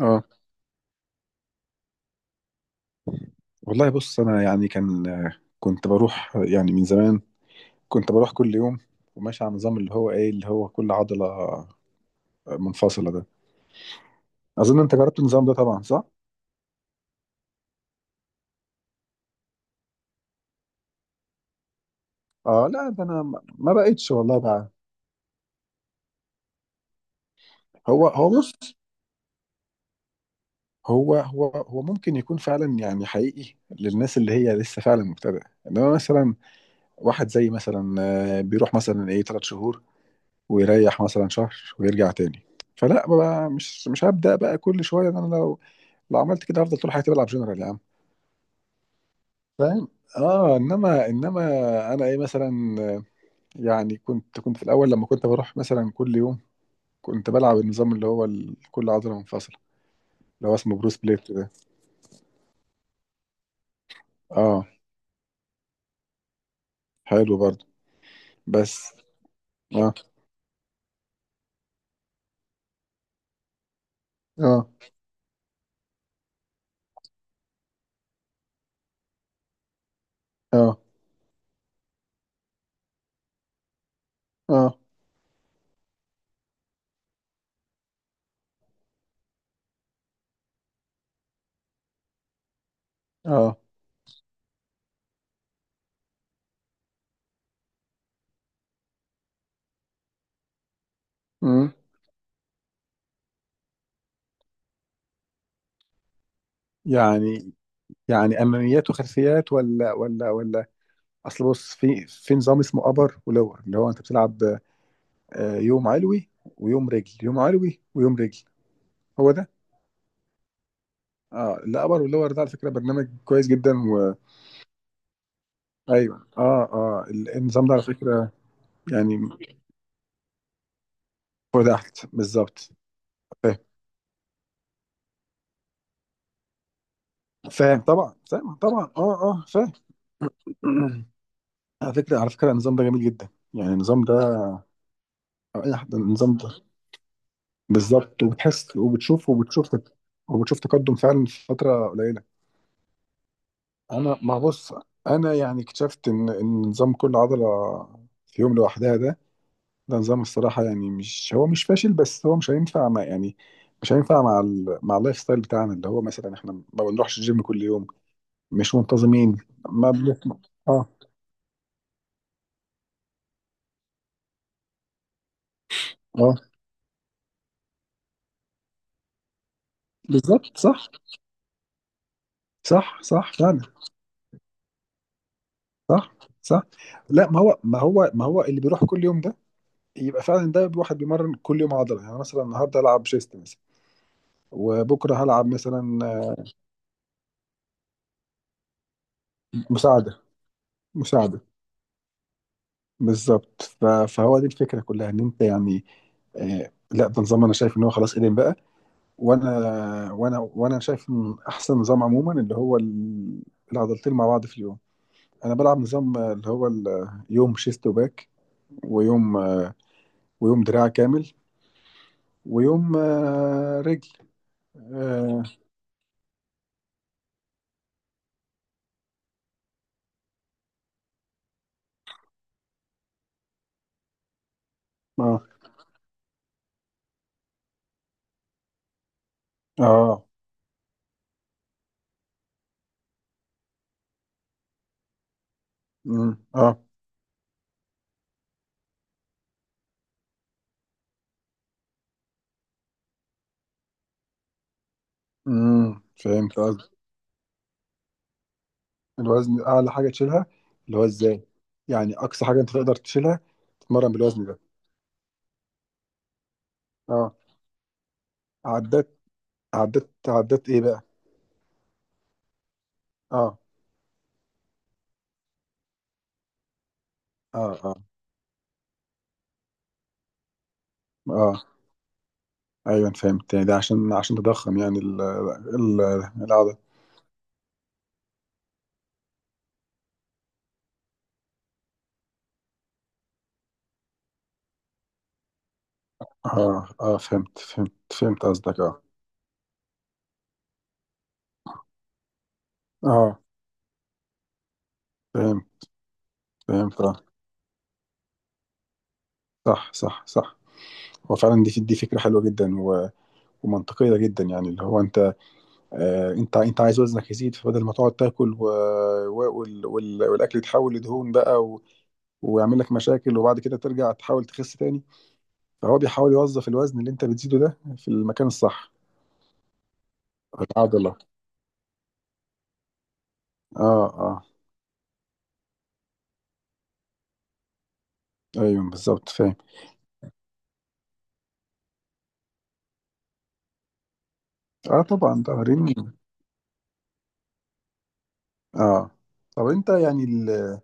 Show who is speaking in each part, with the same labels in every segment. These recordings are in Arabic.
Speaker 1: اه، والله بص، انا يعني كنت بروح يعني من زمان، كنت بروح كل يوم، وماشي على النظام اللي هو كل عضلة منفصلة ده. اظن انت جربت النظام ده طبعا، صح؟ اه لا، ده انا ما بقتش والله بقى. هو بص، هو ممكن يكون فعلا يعني حقيقي للناس اللي هي لسه فعلا مبتدئة، انما مثلا واحد زي مثلا بيروح مثلا ثلاث شهور، ويريح مثلا شهر ويرجع تاني. فلا بقى، مش هبدأ بقى كل شوية ده. انا لو عملت كده هفضل طول حياتي بلعب جنرال يا عم، فاهم؟ اه، انما انا مثلا، آه، يعني كنت في الاول لما كنت بروح مثلا كل يوم كنت بلعب النظام اللي هو كل عضله منفصله، اللي هو اسمه بروس بليت ده. اه، حلو برضه. بس اه، اه، اه، اه، اه. مم. يعني يعني اماميات وخلفيات، ولا ولا ولا؟ اصل بص، في نظام اسمه ابر ولور اللي هو انت بتلعب يوم علوي ويوم رجل، يوم علوي ويوم رجل. هو ده. اه، الابر واللور ده على فكره برنامج كويس جدا ايوه، اه اه. النظام ده على فكره يعني فوق تحت بالظبط. فاهم، فاهم طبعا، فاهم طبعا، اه اه فاهم. على فكره النظام ده جميل جدا، يعني النظام ده، اي حد، النظام ده بالظبط. وبتحس وبتشوف تقدم فعلا في فتره قليله. انا ما بص، انا يعني اكتشفت ان نظام كل عضله في يوم لوحدها ده، ده نظام، الصراحة يعني، مش هو مش فاشل، بس هو مش هينفع مع، مع اللايف ستايل بتاعنا، اللي هو مثلا احنا ما بنروحش الجيم كل يوم، مش منتظمين. ما بن... اه، اه، بالظبط صح. صح صح فعلا، صح صح. لا ما هو اللي بيروح كل يوم ده يبقى فعلا ده واحد بيمرن كل يوم عضلة، يعني مثلا النهارده هلعب شيست مثلا، وبكره هلعب مثلا. مساعدة. مساعدة بالظبط. فهو دي الفكرة كلها، ان انت يعني، لا ده نظام انا شايف ان هو خلاص قديم بقى، وانا شايف ان احسن نظام عموما اللي هو العضلتين مع بعض في اليوم. انا بلعب نظام اللي هو يوم شيست وباك، ويوم آه، ويوم دراع كامل، ويوم رجل. اه اه اه، مم، اه، مم، فهمت قصدك. الوزن اعلى حاجه تشيلها. اللي هو ازاي؟ يعني اقصى حاجه انت تقدر تشيلها. تتمرن بالوزن ده؟ اه، عدات، عدات، عدات ايه بقى. اه اه اه اه، ايوه أنا فهمت، يعني ده عشان تضخم يعني ال العدد. اه اه، فهمت فهمت فهمت قصدك، اه اه فهمت فهمت، اه، صح صح صح. هو فعلا دي فكره حلوه جدا ومنطقيه جدا. يعني اللي هو انت، انت عايز وزنك يزيد، فبدل ما تقعد تاكل والاكل يتحول لدهون بقى ويعمل لك مشاكل، وبعد كده ترجع تحاول تخس تاني. فهو بيحاول يوظف الوزن اللي انت بتزيده ده في المكان الصح. العضله. اه اه، ايوه بالظبط، فاهم. اه طبعا، تمارين. اه طب انت يعني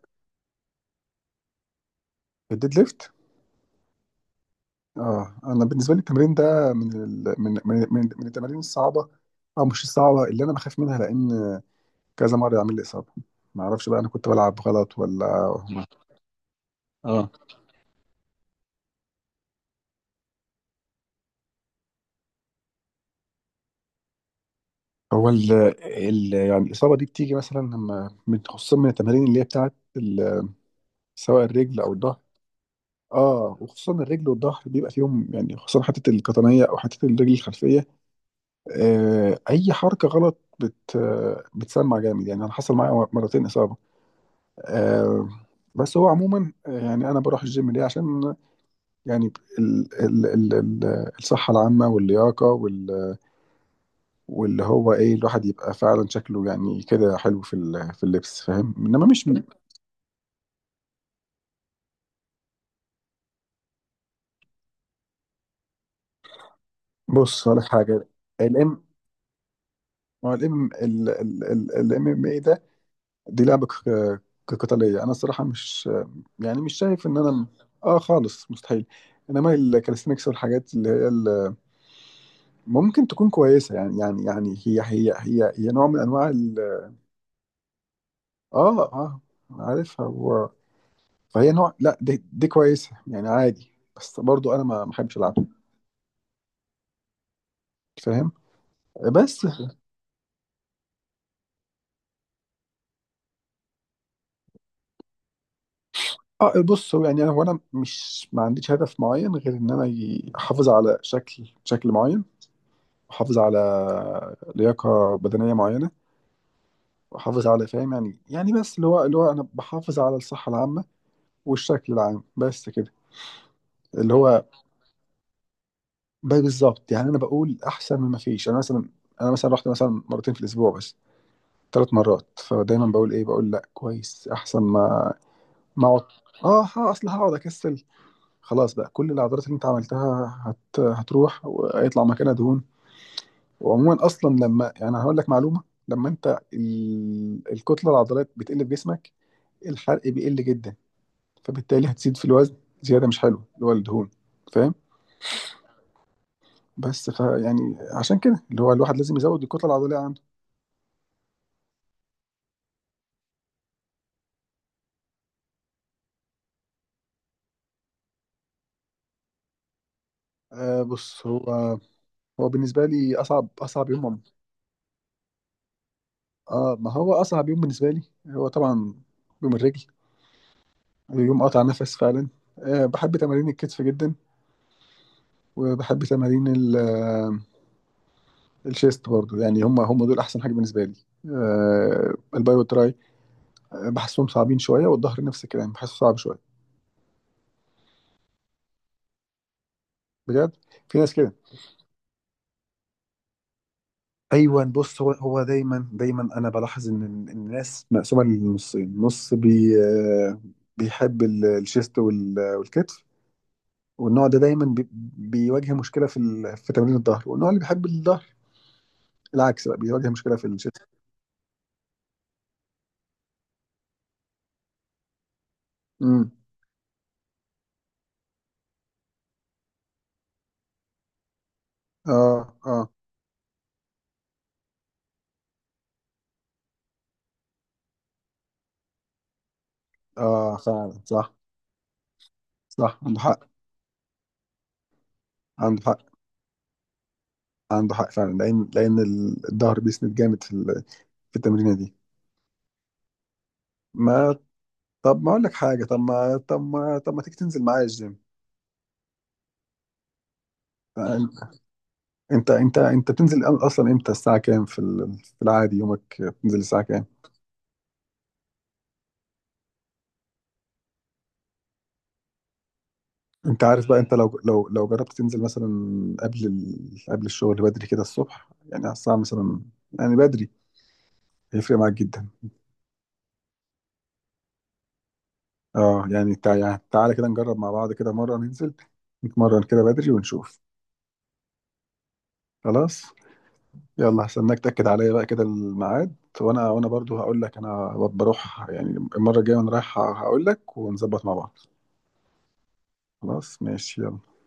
Speaker 1: الديد ليفت. اه، انا بالنسبه لي التمرين ده من ال... من من من من التمارين الصعبه، او مش الصعبه، اللي انا بخاف منها، لان كذا مره يعمل لي اصابه. ما اعرفش بقى، انا كنت بلعب غلط ولا اه هو يعني الاصابه دي بتيجي مثلا لما، خصوصا من التمارين اللي هي بتاعت سواء الرجل او الظهر. اه، وخصوصا الرجل والظهر بيبقى فيهم، يعني خصوصا حته القطنيه او حته الرجل الخلفيه، اي حركه غلط بت آه، بتسمع جامد. يعني انا حصل معايا مرتين اصابه، آه، بس هو عموما يعني انا بروح الجيم ليه؟ عشان يعني ال الصحه العامه واللياقه، واللي هو الواحد يبقى فعلا شكله يعني كده حلو في في اللبس، فاهم، انما مش بص هقول لك حاجه. الام هو الام الام ام اي ده، دي لعبه قتاليه. انا الصراحه مش، يعني مش شايف ان انا، اه، خالص، مستحيل. انما الكاليستنكس والحاجات اللي هي ممكن تكون كويسه يعني هي نوع من انواع اه اه، عارفها، هو. فهي نوع، لا دي كويسه يعني، عادي. بس برضو انا ما بحبش العبها، فاهم. بس اه بص، هو يعني انا هو انا مش ما عنديش هدف معين، غير ان انا احافظ على شكل معين. احافظ على لياقه بدنيه معينه، بحافظ على، فاهم يعني بس اللي هو انا بحافظ على الصحه العامه والشكل العام بس كده. اللي هو بقى بالظبط، يعني انا بقول احسن من ما فيش. انا مثلا رحت مثلا مرتين في الاسبوع، بس، ثلاث مرات، فدايما بقول بقول لا، كويس، احسن ما اقعد. اه ها، اصل هقعد اكسل. خلاص بقى، كل العضلات اللي انت عملتها هتروح وهيطلع مكانها دهون. وعموما اصلا لما يعني، هقول لك معلومه، لما انت الكتله العضلات بتقل في جسمك، الحرق بيقل جدا، فبالتالي هتزيد في الوزن زياده مش حلوه، اللي هو الدهون، فاهم. بس يعني عشان كده اللي هو الواحد لازم يزود الكتله العضليه عنده. بص، هو بالنسبه لي اصعب يوم ما هو اصعب يوم بالنسبه لي هو طبعا يوم الرجل. يوم قطع نفس فعلا. بحب تمارين الكتف جدا، وبحب تمارين الشيست برضو، يعني هم دول احسن حاجه بالنسبه لي. الباي والتراي بحسهم صعبين شويه، والظهر نفس الكلام بحسه صعب شويه. بجد؟ في ناس كده. ايوه، بص، هو دايما انا بلاحظ إن الناس مقسومه لنصين. نص بي آه، بيحب الشيست والكتف، والنوع ده دايما بيواجه مشكله في في تمرين الظهر، والنوع اللي بيحب الظهر العكس بقى، بيواجه مشكله في الشيست. امم، اه اه اه، فعلا صح. صح، عنده حق، عنده حق، عنده حق فعلا، لان الظهر بيسند جامد في في التمرينه دي. ما طب ما اقول لك حاجه، طب ما تيجي تنزل معايا الجيم؟ انت بتنزل اصلا امتى؟ الساعه كام في في العادي يومك بتنزل الساعه كام؟ انت عارف بقى، انت لو جربت تنزل مثلا قبل قبل الشغل بدري كده الصبح، يعني على الساعه مثلا، يعني بدري، هيفرق معاك جدا. اه يعني تعالى كده نجرب مع بعض كده مره، ننزل نتمرن كده بدري ونشوف. خلاص. يلا هستناك تاكد عليا بقى كده الميعاد، وانا برضو هقول لك، انا بروح يعني المره الجايه وانا رايح هقول لك، ونظبط مع بعض. خلاص ماشي، يلا.